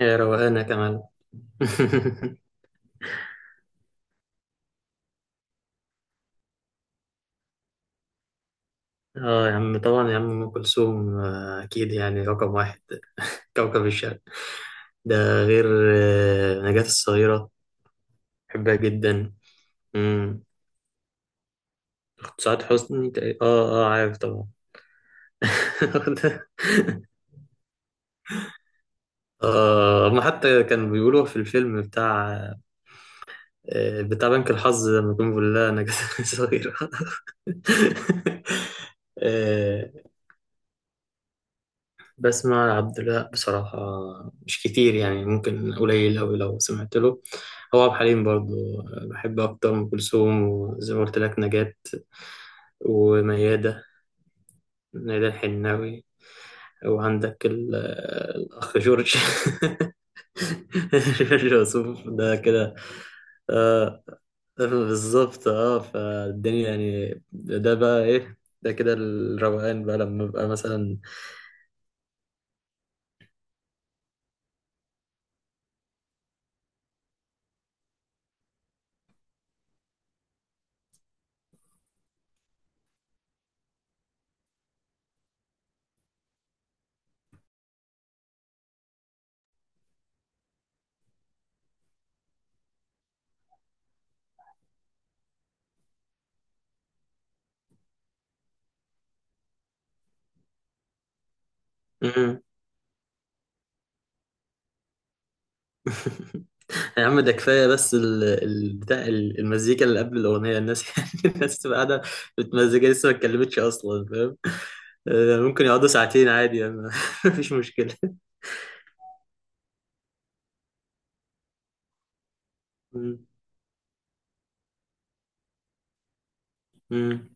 يا روقانة كمان. اه يا عم طبعا، يا عم، ام كلثوم، اكيد يعني رقم واحد. كوكب الشرق، ده غير نجاة الصغيرة. بحبها جدا. امم. سعاد حسني اه، اه، عارف طبعا. اه، ما حتى كانوا بيقولوا في الفيلم بتاع بنك الحظ، لما يكون بيقول لها نجاة الصغيرة. بسمع لعبد الوهاب بصراحة. مش كتير يعني، ممكن قليل أوي لو سمعت له. هو عبد الحليم برضه. بحب أكتر أم كلثوم، وزي ما قلت لك نجاة، وميادة. ميادة الحناوي. وعندك الأخ جورج. جورج وسوف ده كده. آه بالظبط. اه فالدنيا يعني، ده بقى إيه، ده كده الروقان بقى لما ببقى مثلا. يا عم، ده كفايه، بس بتاع المزيكا اللي قبل الاغنيه، الناس يعني الناس تبقى قاعده متمزجه، لسه ما اتكلمتش اصلا، فاهم؟ آه، ممكن يقعدوا ساعتين عادي يعني. مفيش مشكله. مم. مم.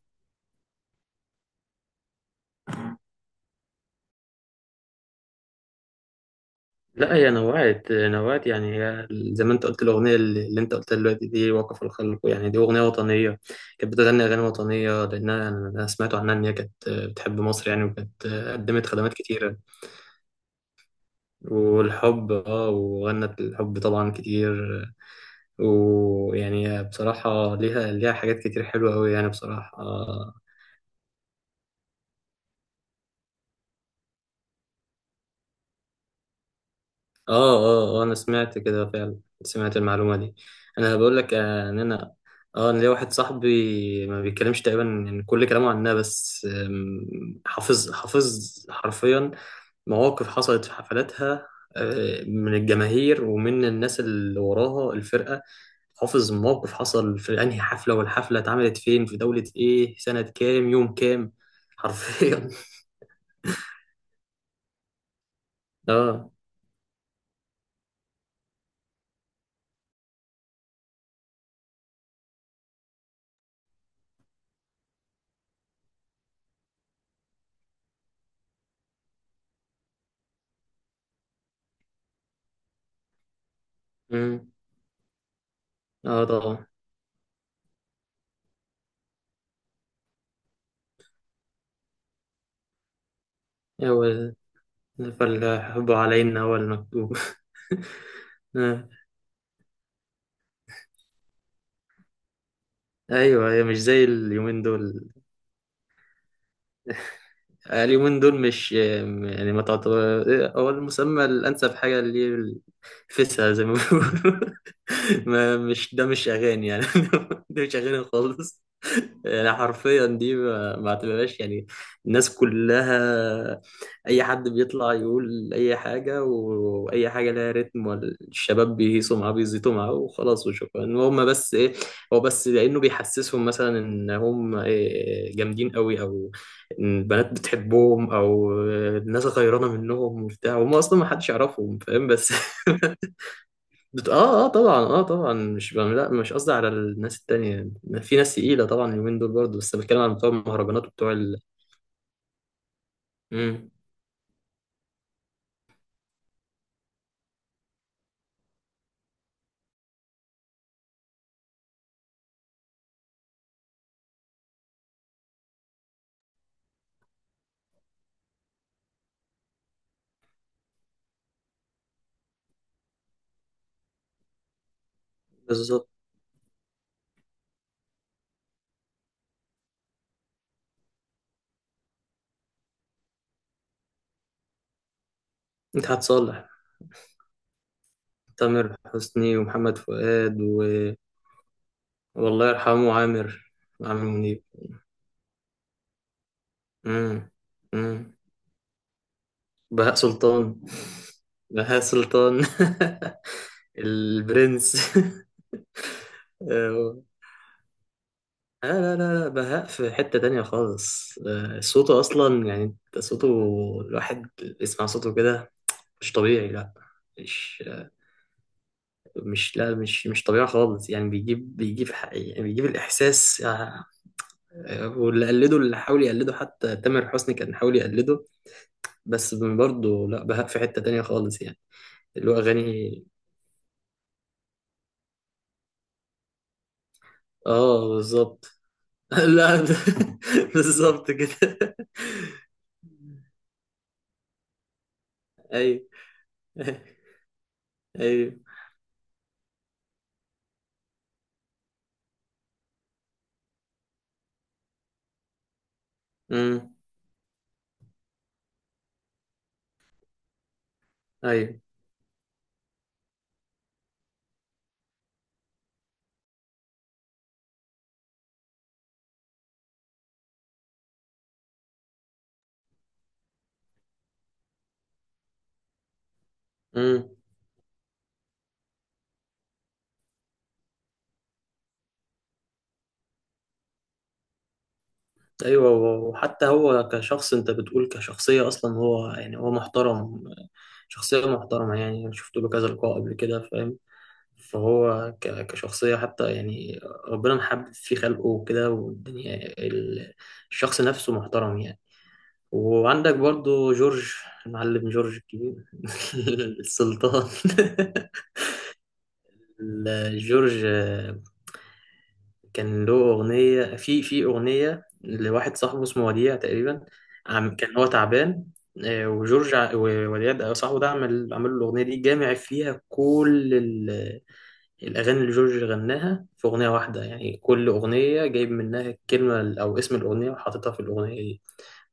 لا، هي نوعت نوعت يعني، هي زي ما انت قلت الاغنيه اللي انت قلتها دلوقتي دي، وقف الخلق، يعني دي اغنيه وطنيه. كانت بتغني اغاني وطنيه، لانها أنا سمعت عنها ان هي كانت بتحب مصر يعني، وكانت قدمت خدمات كتيره. والحب وغنت الحب طبعا كتير. ويعني بصراحة ليها حاجات كتير حلوة أوي يعني، بصراحة، آه. آه، آه، آه، أنا سمعت كده فعلا، سمعت المعلومة دي. أنا بقول لك، إن أنا ليا واحد صاحبي ما بيتكلمش تقريبا يعني، كل كلامه عنها بس، حافظ، حافظ حرفيا مواقف حصلت في حفلاتها، من الجماهير ومن الناس اللي وراها الفرقة. حافظ موقف حصل في أنهي حفلة، والحفلة اتعملت فين، في دولة إيه، سنة كام، يوم كام، حرفيا. اه. مم. اه طبعا. هو فالحب علينا هو المكتوب. آه. ايوه، هي مش زي اليومين دول. آه، اليومين دول مش يعني، ما تعتبر. آه، هو المسمى الأنسب حاجة اللي فيسها زي ما بيقولوا. ما، مش ده مش أغاني يعني. ده مش أغاني خالص. يعني حرفيا دي ما اعتبرهاش يعني. الناس كلها، أي حد بيطلع يقول أي حاجة، وأي حاجة لها رتم والشباب بيهيصوا معاه، بيزيطوا معاه وخلاص وشكرا، وهم بس إيه؟ هو بس لأنه بيحسسهم مثلا إن هم إيه، جامدين قوي، أو البنات بتحبهم، او الناس غيرانه منهم وبتاع، وهم اصلا ما حدش يعرفهم، فاهم؟ بس اه، اه طبعا، اه طبعا، مش لا مش قصدي على الناس التانية. في ناس تقيلة طبعا اليومين دول برضه، بس بتكلم عن بتوع المهرجانات وبتوع ال. مم. بالظبط. مدحت صالح. تامر حسني ومحمد فؤاد و... والله يرحمه عامر. عامر منيب. مم. مم. بهاء سلطان. بهاء سلطان. البرنس. آه، لا، لا، لا، بهاء في حتة تانية خالص. صوته أصلا يعني، أنت صوته، الواحد يسمع صوته كده، مش طبيعي، لا، مش مش لا، مش مش طبيعي خالص يعني. بيجيب، يعني بيجيب الإحساس، آه. آه، واللي قلده، اللي حاول يقلده، حتى تامر حسني كان حاول يقلده، بس برضه لا، بهاء في حتة تانية خالص يعني. اللي هو أغاني. آه بالظبط. لا. بالظبط كده. أيوه. أيوه. أمم. أيوه. أمم. ايوه، وحتى هو كشخص، انت بتقول كشخصيه، اصلا هو يعني هو محترم، شخصيه محترمه يعني، انا شفت له كذا لقاء قبل كده، فاهم؟ فهو كشخصيه حتى يعني، ربنا محبب في خلقه وكده والدنيا، ال- الشخص نفسه محترم يعني. وعندك برضو جورج، المعلم جورج الكبير. السلطان. جورج كان له أغنية في أغنية لواحد صاحبه اسمه وديع تقريبا، عم كان هو تعبان، آه، وجورج ووديع صاحبه ده عمل له الأغنية دي، جامع فيها كل الأغاني اللي جورج غناها في أغنية واحدة، يعني كل أغنية جايب منها الكلمة أو اسم الأغنية وحاططها في الأغنية دي.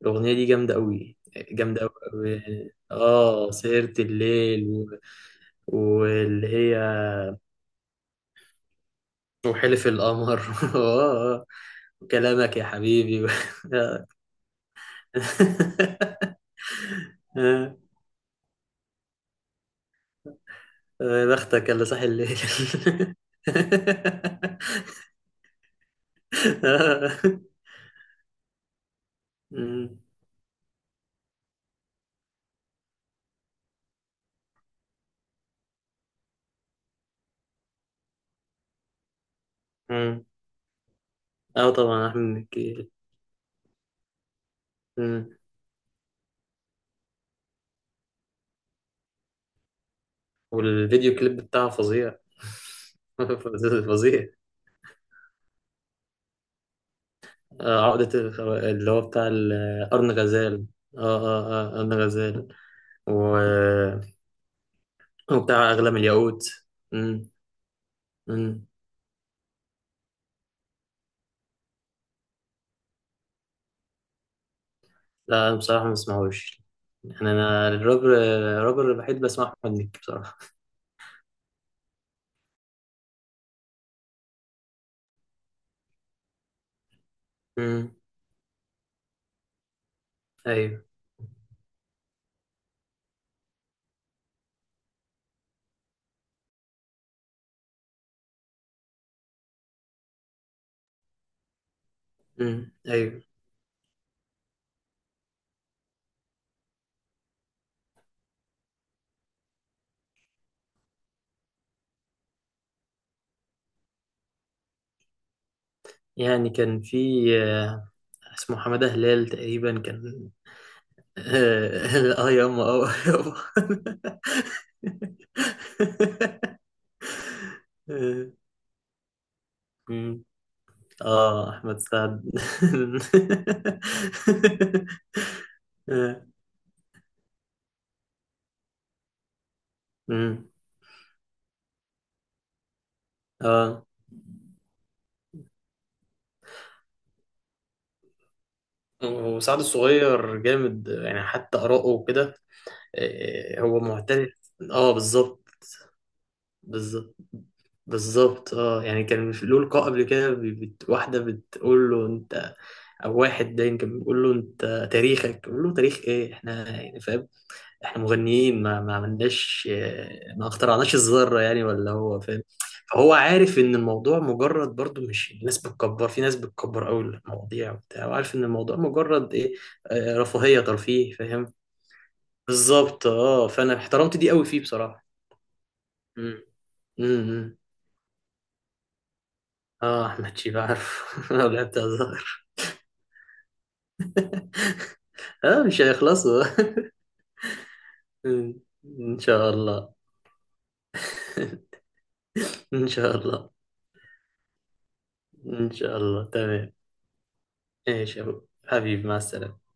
الأغنية دي جامدة أوي، جامدة أوي، أوي. آه، سهرة الليل واللي هي وحلف القمر. آه، آه. وكلامك يا حبيبي. آه، يا بختك اللي صاحي الليل. اه. مم. مم. آه طبعا، احمد مكي. مم. والفيديو كليب بتاعه فظيع. فظيع. آه، عقدة اللي هو بتاع أرن غزال. اه، اه، اه، أرن غزال و... وبتاع أغلى الياقوت. مم. مم. لا، أنا بصراحة ما بسمعوش، يعني أنا الرابر، الوحيد بسمع أحمد مكي. بصراحة. ايوه. امم. ايوه. يعني كان في، آه، اسمه حماده هلال تقريبا كان. اه، آه، ياما، اه، ياما. أمم. اه، احمد سعد. أمم. اه، وسعد الصغير جامد يعني، حتى آراءه وكده. آه، هو معترف. اه، بالظبط، بالظبط، بالظبط. اه يعني كان له لقاء قبل كده، واحدة بتقول له انت، او واحد ده كان بيقول له انت تاريخك، بيقول له تاريخ ايه، احنا يعني فاهم، احنا مغنيين، ما عملناش، ما اخترعناش الذرة يعني، ولا هو فاهم. فهو عارف ان الموضوع مجرد برضو، مش الناس بتكبر، في ناس بتكبر قوي المواضيع وبتاع، وعارف ان الموضوع مجرد ايه، رفاهية، ترفيه، فاهم. بالظبط. اه فانا احترمت دي قوي فيه بصراحة. امم. إمم، إمم. اه، احمد شيبة عارف، لو لعبت هزار. اه، مش هيخلصوا. ان شاء الله. ان شاء الله. ان شاء الله، تمام. ايش يا أبو- حبيبي، مع السلامة.